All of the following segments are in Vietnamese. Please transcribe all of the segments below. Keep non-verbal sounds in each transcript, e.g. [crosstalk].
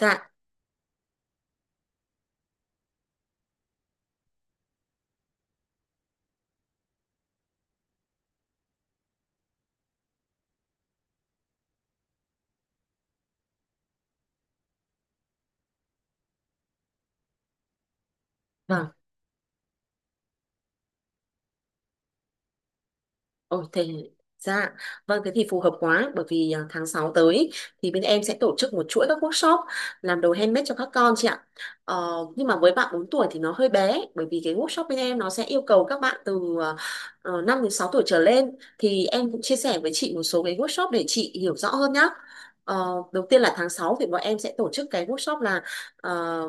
Dạ, vâng. Ôi, thế dạ. Vâng, thế thì phù hợp quá bởi vì tháng 6 tới ý, thì bên em sẽ tổ chức một chuỗi các workshop làm đồ handmade cho các con chị ạ. Ờ, nhưng mà với bạn 4 tuổi thì nó hơi bé, bởi vì cái workshop bên em nó sẽ yêu cầu các bạn từ 5 đến 6 tuổi trở lên, thì em cũng chia sẻ với chị một số cái workshop để chị hiểu rõ hơn nhá. Ờ, đầu tiên là tháng 6 thì bọn em sẽ tổ chức cái workshop là ờ,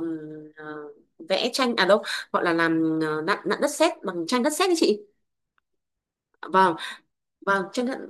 ờ, vẽ tranh, à đâu gọi là làm ờ, nặn nặn đất sét, bằng tranh đất sét đấy chị. Vâng, vâng, chấp nhận.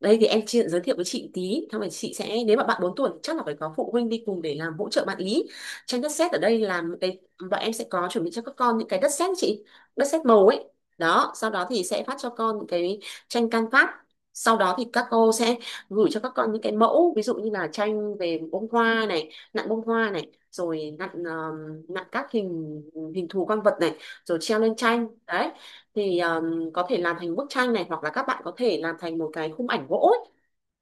Đây thì em chị giới thiệu với chị tí, xong rồi chị sẽ, nếu mà bạn 4 tuổi chắc là phải có phụ huynh đi cùng để làm hỗ trợ bạn ý. Tranh đất sét ở đây là một cái bọn em sẽ có chuẩn bị cho các con những cái đất sét chị, đất sét màu ấy. Đó, sau đó thì sẽ phát cho con những cái tranh can phát. Sau đó thì các cô sẽ gửi cho các con những cái mẫu, ví dụ như là tranh về bông hoa này, nặn bông hoa này, rồi nặn các hình hình thù con vật này, rồi treo lên tranh. Đấy. Thì có thể làm thành bức tranh này, hoặc là các bạn có thể làm thành một cái khung ảnh gỗ ấy.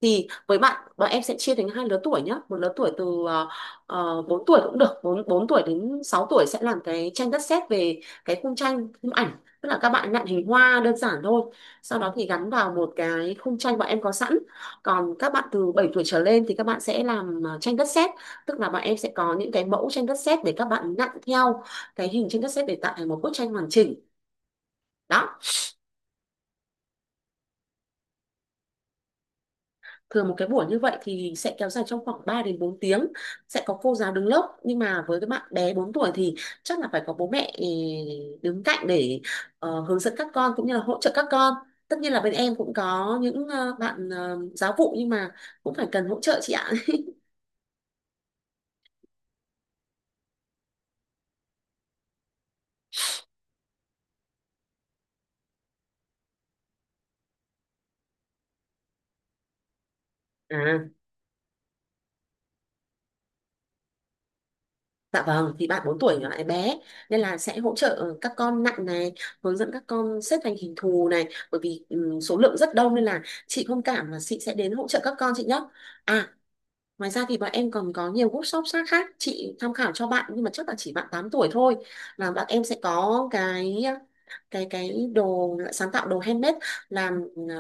Thì với bạn bọn em sẽ chia thành hai lứa tuổi nhé, một lứa tuổi từ 4 tuổi cũng được, 4 4 tuổi đến 6 tuổi sẽ làm cái tranh đất sét về cái khung tranh khung ảnh, tức là các bạn nặn hình hoa đơn giản thôi, sau đó thì gắn vào một cái khung tranh bọn em có sẵn. Còn các bạn từ 7 tuổi trở lên thì các bạn sẽ làm tranh đất sét, tức là bọn em sẽ có những cái mẫu tranh đất sét để các bạn nặn theo, cái hình tranh đất sét để tạo thành một bức tranh hoàn chỉnh đó. Thường một cái buổi như vậy thì sẽ kéo dài trong khoảng 3 đến 4 tiếng, sẽ có cô giáo đứng lớp, nhưng mà với cái bạn bé 4 tuổi thì chắc là phải có bố mẹ đứng cạnh để hướng dẫn các con, cũng như là hỗ trợ các con. Tất nhiên là bên em cũng có những bạn giáo vụ, nhưng mà cũng phải cần hỗ trợ chị ạ. [laughs] À, dạ vâng, thì bạn 4 tuổi là lại bé, nên là sẽ hỗ trợ các con nặng này, hướng dẫn các con xếp thành hình thù này, bởi vì số lượng rất đông, nên là chị thông cảm là chị sẽ đến hỗ trợ các con chị nhé. À, ngoài ra thì bọn em còn có nhiều workshop khác khác chị tham khảo cho bạn, nhưng mà chắc là chỉ bạn 8 tuổi thôi, là bạn em sẽ có cái đồ sáng tạo, đồ handmade, làm ờ,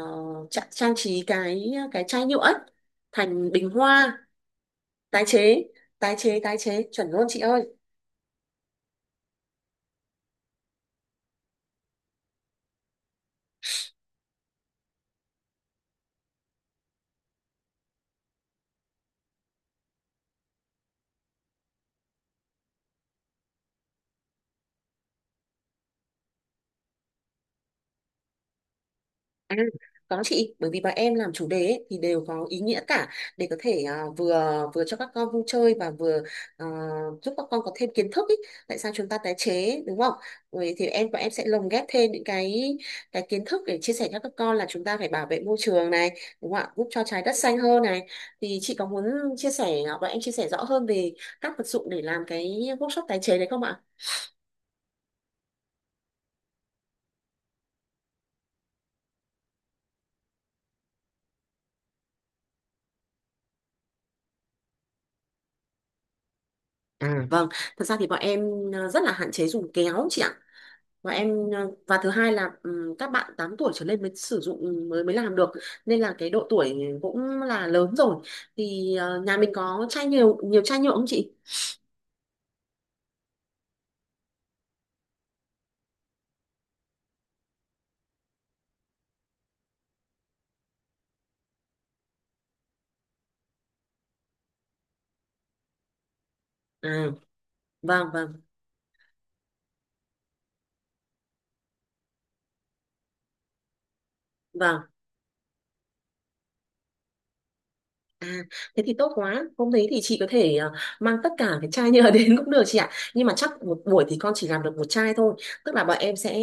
tra- trang trí cái chai nhựa ấy, thành bình hoa tái chế. Tái chế, tái chế chuẩn luôn chị ơi. À, có chị, bởi vì bọn em làm chủ đề ấy thì đều có ý nghĩa cả, để có thể à, vừa vừa cho các con vui chơi và vừa à, giúp các con có thêm kiến thức ý. Tại sao chúng ta tái chế, đúng không? Rồi thì bọn em sẽ lồng ghép thêm những cái kiến thức để chia sẻ cho các con là chúng ta phải bảo vệ môi trường này, đúng không ạ? Giúp cho trái đất xanh hơn này. Thì chị có muốn chia sẻ, bọn em chia sẻ rõ hơn về các vật dụng để làm cái workshop tái chế đấy không ạ? À, vâng, thật ra thì bọn em rất là hạn chế dùng kéo chị ạ, và và thứ hai là các bạn 8 tuổi trở lên mới sử dụng, mới mới làm được, nên là cái độ tuổi cũng là lớn rồi. Thì nhà mình có chai nhiều nhiều chai nhựa không chị? À, vâng, vâng, vâng. À, thế thì tốt quá. Hôm đấy thì chị có thể mang tất cả cái chai [laughs] nhựa đến cũng được chị ạ. Nhưng mà chắc một buổi thì con chỉ làm được một chai thôi. Tức là bọn em sẽ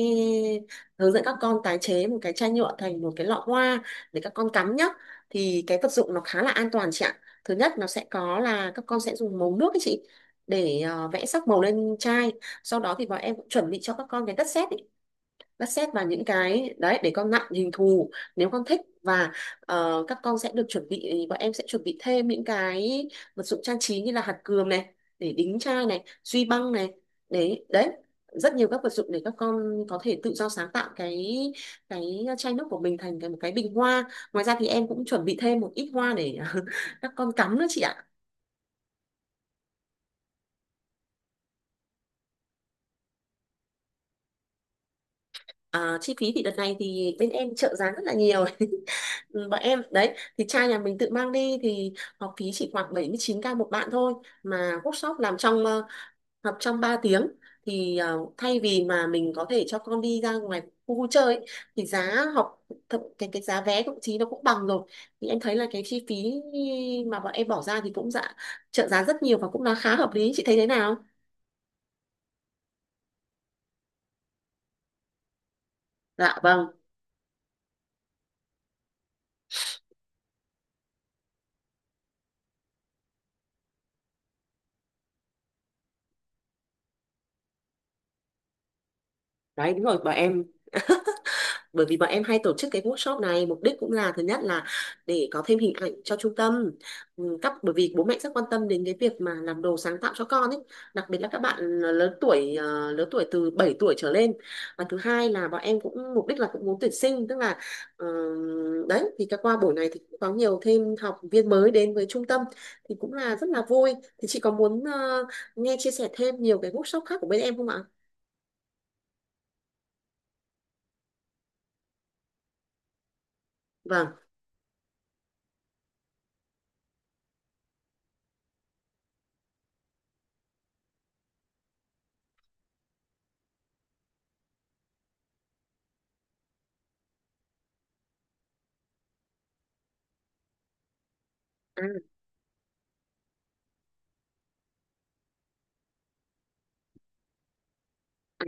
hướng dẫn các con tái chế một cái chai nhựa thành một cái lọ hoa để các con cắm nhá. Thì cái vật dụng nó khá là an toàn chị ạ. Thứ nhất nó sẽ có là các con sẽ dùng màu nước ấy chị, để vẽ sắc màu lên chai. Sau đó thì bọn em cũng chuẩn bị cho các con cái đất sét, bắt xét vào những cái đấy để con nặn hình thù nếu con thích. Và các con sẽ được chuẩn bị, bọn em sẽ chuẩn bị thêm những cái vật dụng trang trí như là hạt cườm này để đính chai này, duy băng này, đấy đấy, rất nhiều các vật dụng để các con có thể tự do sáng tạo cái chai nước của mình thành một cái bình hoa. Ngoài ra thì em cũng chuẩn bị thêm một ít hoa để [laughs] các con cắm nữa chị ạ. À, chi phí thì đợt này thì bên em trợ giá rất là nhiều, [laughs] bọn em, đấy thì trai nhà mình tự mang đi thì học phí chỉ khoảng 79K một bạn thôi, mà workshop học trong 3 tiếng. Thì thay vì mà mình có thể cho con đi ra ngoài khu vui chơi ấy, thì giá học, cái giá vé thậm chí nó cũng bằng rồi. Thì em thấy là cái chi phí mà bọn em bỏ ra thì cũng, dạ, trợ giá rất nhiều và cũng là khá hợp lý, chị thấy thế nào? Dạ vâng. Đấy, đúng rồi, bọn em bởi vì bọn em hay tổ chức cái workshop này, mục đích cũng là, thứ nhất là để có thêm hình ảnh cho trung tâm. Ừ, bởi vì bố mẹ rất quan tâm đến cái việc mà làm đồ sáng tạo cho con ấy, đặc biệt là các bạn lớn tuổi từ 7 tuổi trở lên. Và thứ hai là bọn em cũng mục đích là cũng muốn tuyển sinh, tức là, ờ, đấy thì qua buổi này thì cũng có nhiều thêm học viên mới đến với trung tâm, thì cũng là rất là vui. Thì chị có muốn nghe chia sẻ thêm nhiều cái workshop khác của bên em không ạ? Vâng. À,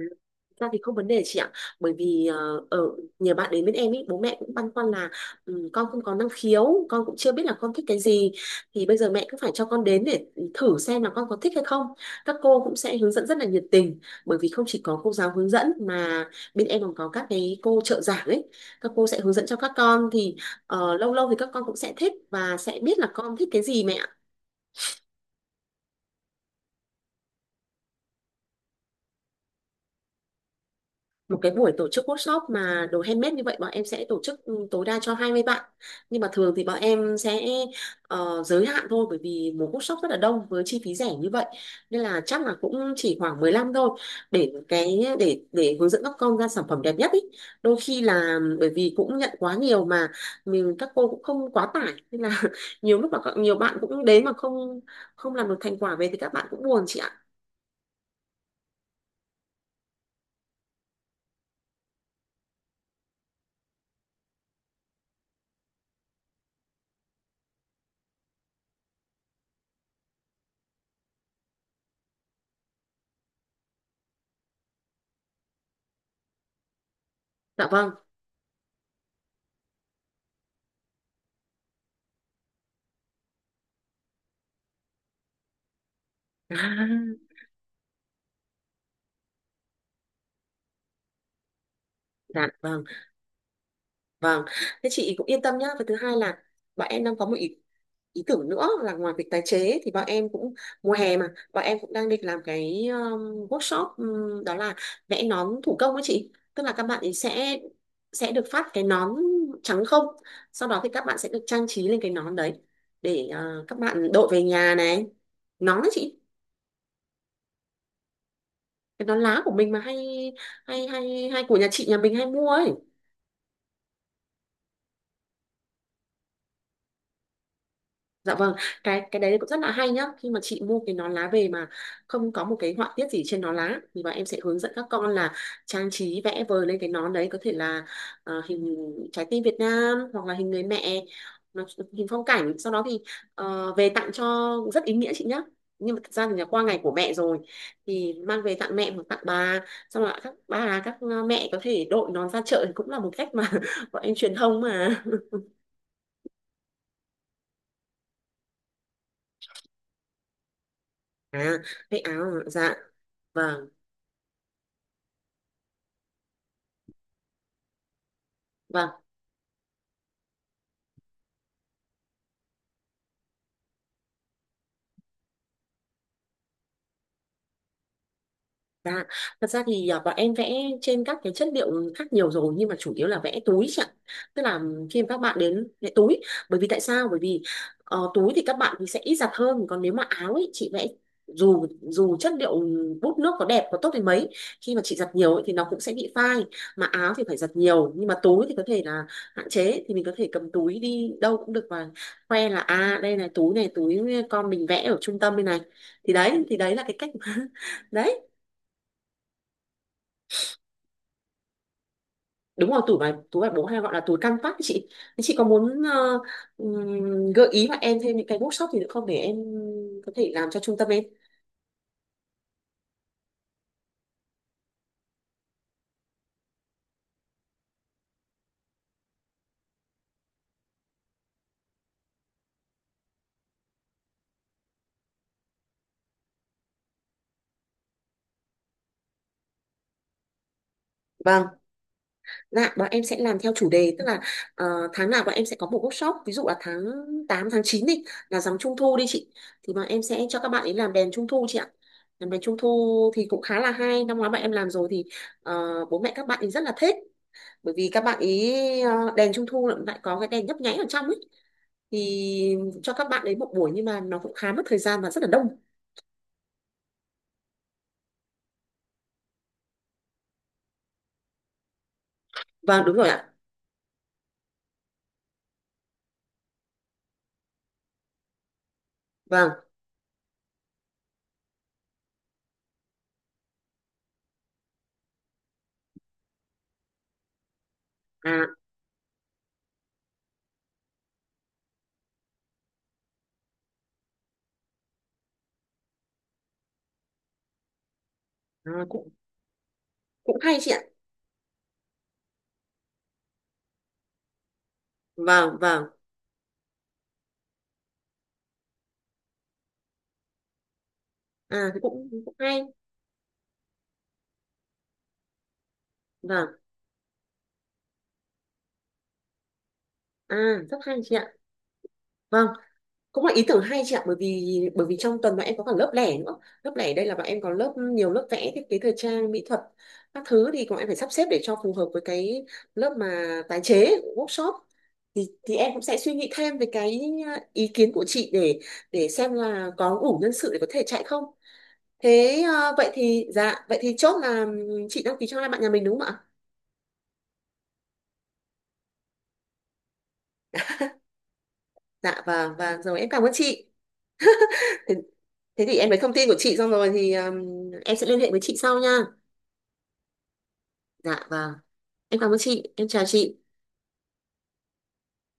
ra thì không vấn đề chị ạ, bởi vì ở nhờ bạn đến bên em ý, bố mẹ cũng băn khoăn là con không có năng khiếu, con cũng chưa biết là con thích cái gì. Thì bây giờ mẹ cứ phải cho con đến để thử xem là con có thích hay không. Các cô cũng sẽ hướng dẫn rất là nhiệt tình, bởi vì không chỉ có cô giáo hướng dẫn mà bên em còn có các cái cô trợ giảng ấy. Các cô sẽ hướng dẫn cho các con thì lâu lâu thì các con cũng sẽ thích và sẽ biết là con thích cái gì mẹ ạ. Một cái buổi tổ chức workshop mà đồ handmade như vậy, bọn em sẽ tổ chức tối đa cho 20 bạn. Nhưng mà thường thì bọn em sẽ giới hạn thôi, bởi vì một workshop rất là đông với chi phí rẻ như vậy, nên là chắc là cũng chỉ khoảng 15 thôi, để cái để hướng dẫn các con ra sản phẩm đẹp nhất ý. Đôi khi là bởi vì cũng nhận quá nhiều mà các cô cũng không quá tải, nên là [laughs] nhiều lúc mà nhiều bạn cũng đến mà không không làm được thành quả về thì các bạn cũng buồn chị ạ. Dạ vâng. [laughs] À, dạ vâng. Vâng, thế chị cũng yên tâm nhá. Và thứ hai là bọn em đang có một ý tưởng nữa, là ngoài việc tái chế thì bọn em cũng, mùa hè mà, bọn em cũng đang định làm cái workshop, đó là vẽ nón thủ công ấy chị. Tức là các bạn ấy sẽ được phát cái nón trắng không. Sau đó thì các bạn sẽ được trang trí lên cái nón đấy để các bạn đội về nhà này. Nón ấy chị, cái nón lá của mình mà hay hay hay hay của nhà mình hay mua ấy. Dạ vâng, cái đấy cũng rất là hay nhá. Khi mà chị mua cái nón lá về mà không có một cái họa tiết gì trên nón lá thì bọn em sẽ hướng dẫn các con là trang trí vẽ vời lên cái nón đấy, có thể là hình trái tim Việt Nam hoặc là hình người mẹ, nó, hình phong cảnh. Sau đó thì về tặng cho rất ý nghĩa chị nhá. Nhưng mà thật ra thì là qua ngày của mẹ rồi thì mang về tặng mẹ hoặc tặng bà, xong rồi các bà các mẹ có thể đội nón ra chợ thì cũng là một cách mà [laughs] bọn em truyền thông mà. [laughs] À, vậy áo dạ vâng vâng. Dạ, thật ra thì bọn em vẽ trên các cái chất liệu khác nhiều rồi, nhưng mà chủ yếu là vẽ túi chị ạ. Tức là khi mà các bạn đến vẽ túi, bởi vì tại sao? Bởi vì túi thì các bạn thì sẽ ít giặt hơn, còn nếu mà áo ấy chị vẽ, dù dù chất liệu bút nước có đẹp có tốt đến mấy, khi mà chị giặt nhiều ấy, thì nó cũng sẽ bị phai. Mà áo thì phải giặt nhiều, nhưng mà túi thì có thể là hạn chế, thì mình có thể cầm túi đi đâu cũng được và khoe là à đây này, túi này, túi con mình vẽ ở trung tâm đây này, thì đấy là cái cách. [laughs] Đấy đúng rồi, túi mà bố hay gọi là túi canvas ấy chị. Chị có muốn gợi ý mà em thêm những cái workshop gì nữa không để em có thể làm cho trung tâm em? Vâng, dạ bọn em sẽ làm theo chủ đề, tức là tháng nào bọn em sẽ có một workshop. Ví dụ là tháng 8 tháng 9 đi là rằm trung thu đi chị, thì bọn em sẽ cho các bạn ấy làm đèn trung thu chị ạ. Làm đèn trung thu thì cũng khá là hay, năm ngoái bọn em làm rồi thì bố mẹ các bạn ấy rất là thích, bởi vì các bạn ý đèn trung thu lại có cái đèn nhấp nháy ở trong ấy, thì cho các bạn ấy một buổi nhưng mà nó cũng khá mất thời gian và rất là đông. Vâng đúng rồi ạ. Vâng. À, à cũng cũng hay chị ạ. Vâng vâng. À thì cũng cũng hay. Vâng. À, rất hay chị ạ. Vâng, cũng là ý tưởng hay chị ạ, bởi vì trong tuần bọn em có cả lớp lẻ nữa. Lớp lẻ đây là bọn em có lớp, nhiều lớp vẽ thiết kế thời trang mỹ thuật các thứ, thì bọn em phải sắp xếp để cho phù hợp với cái lớp mà tái chế workshop. Thì em cũng sẽ suy nghĩ thêm về cái ý kiến của chị để xem là có đủ nhân sự để có thể chạy không. Vậy thì dạ vậy thì chốt là chị đăng ký cho hai bạn nhà mình đúng không ạ? Dạ, và rồi em cảm ơn chị. Thế, thế thì em lấy thông tin của chị xong rồi thì em sẽ liên hệ với chị sau nha. Dạ vâng. Em cảm ơn chị, em chào chị.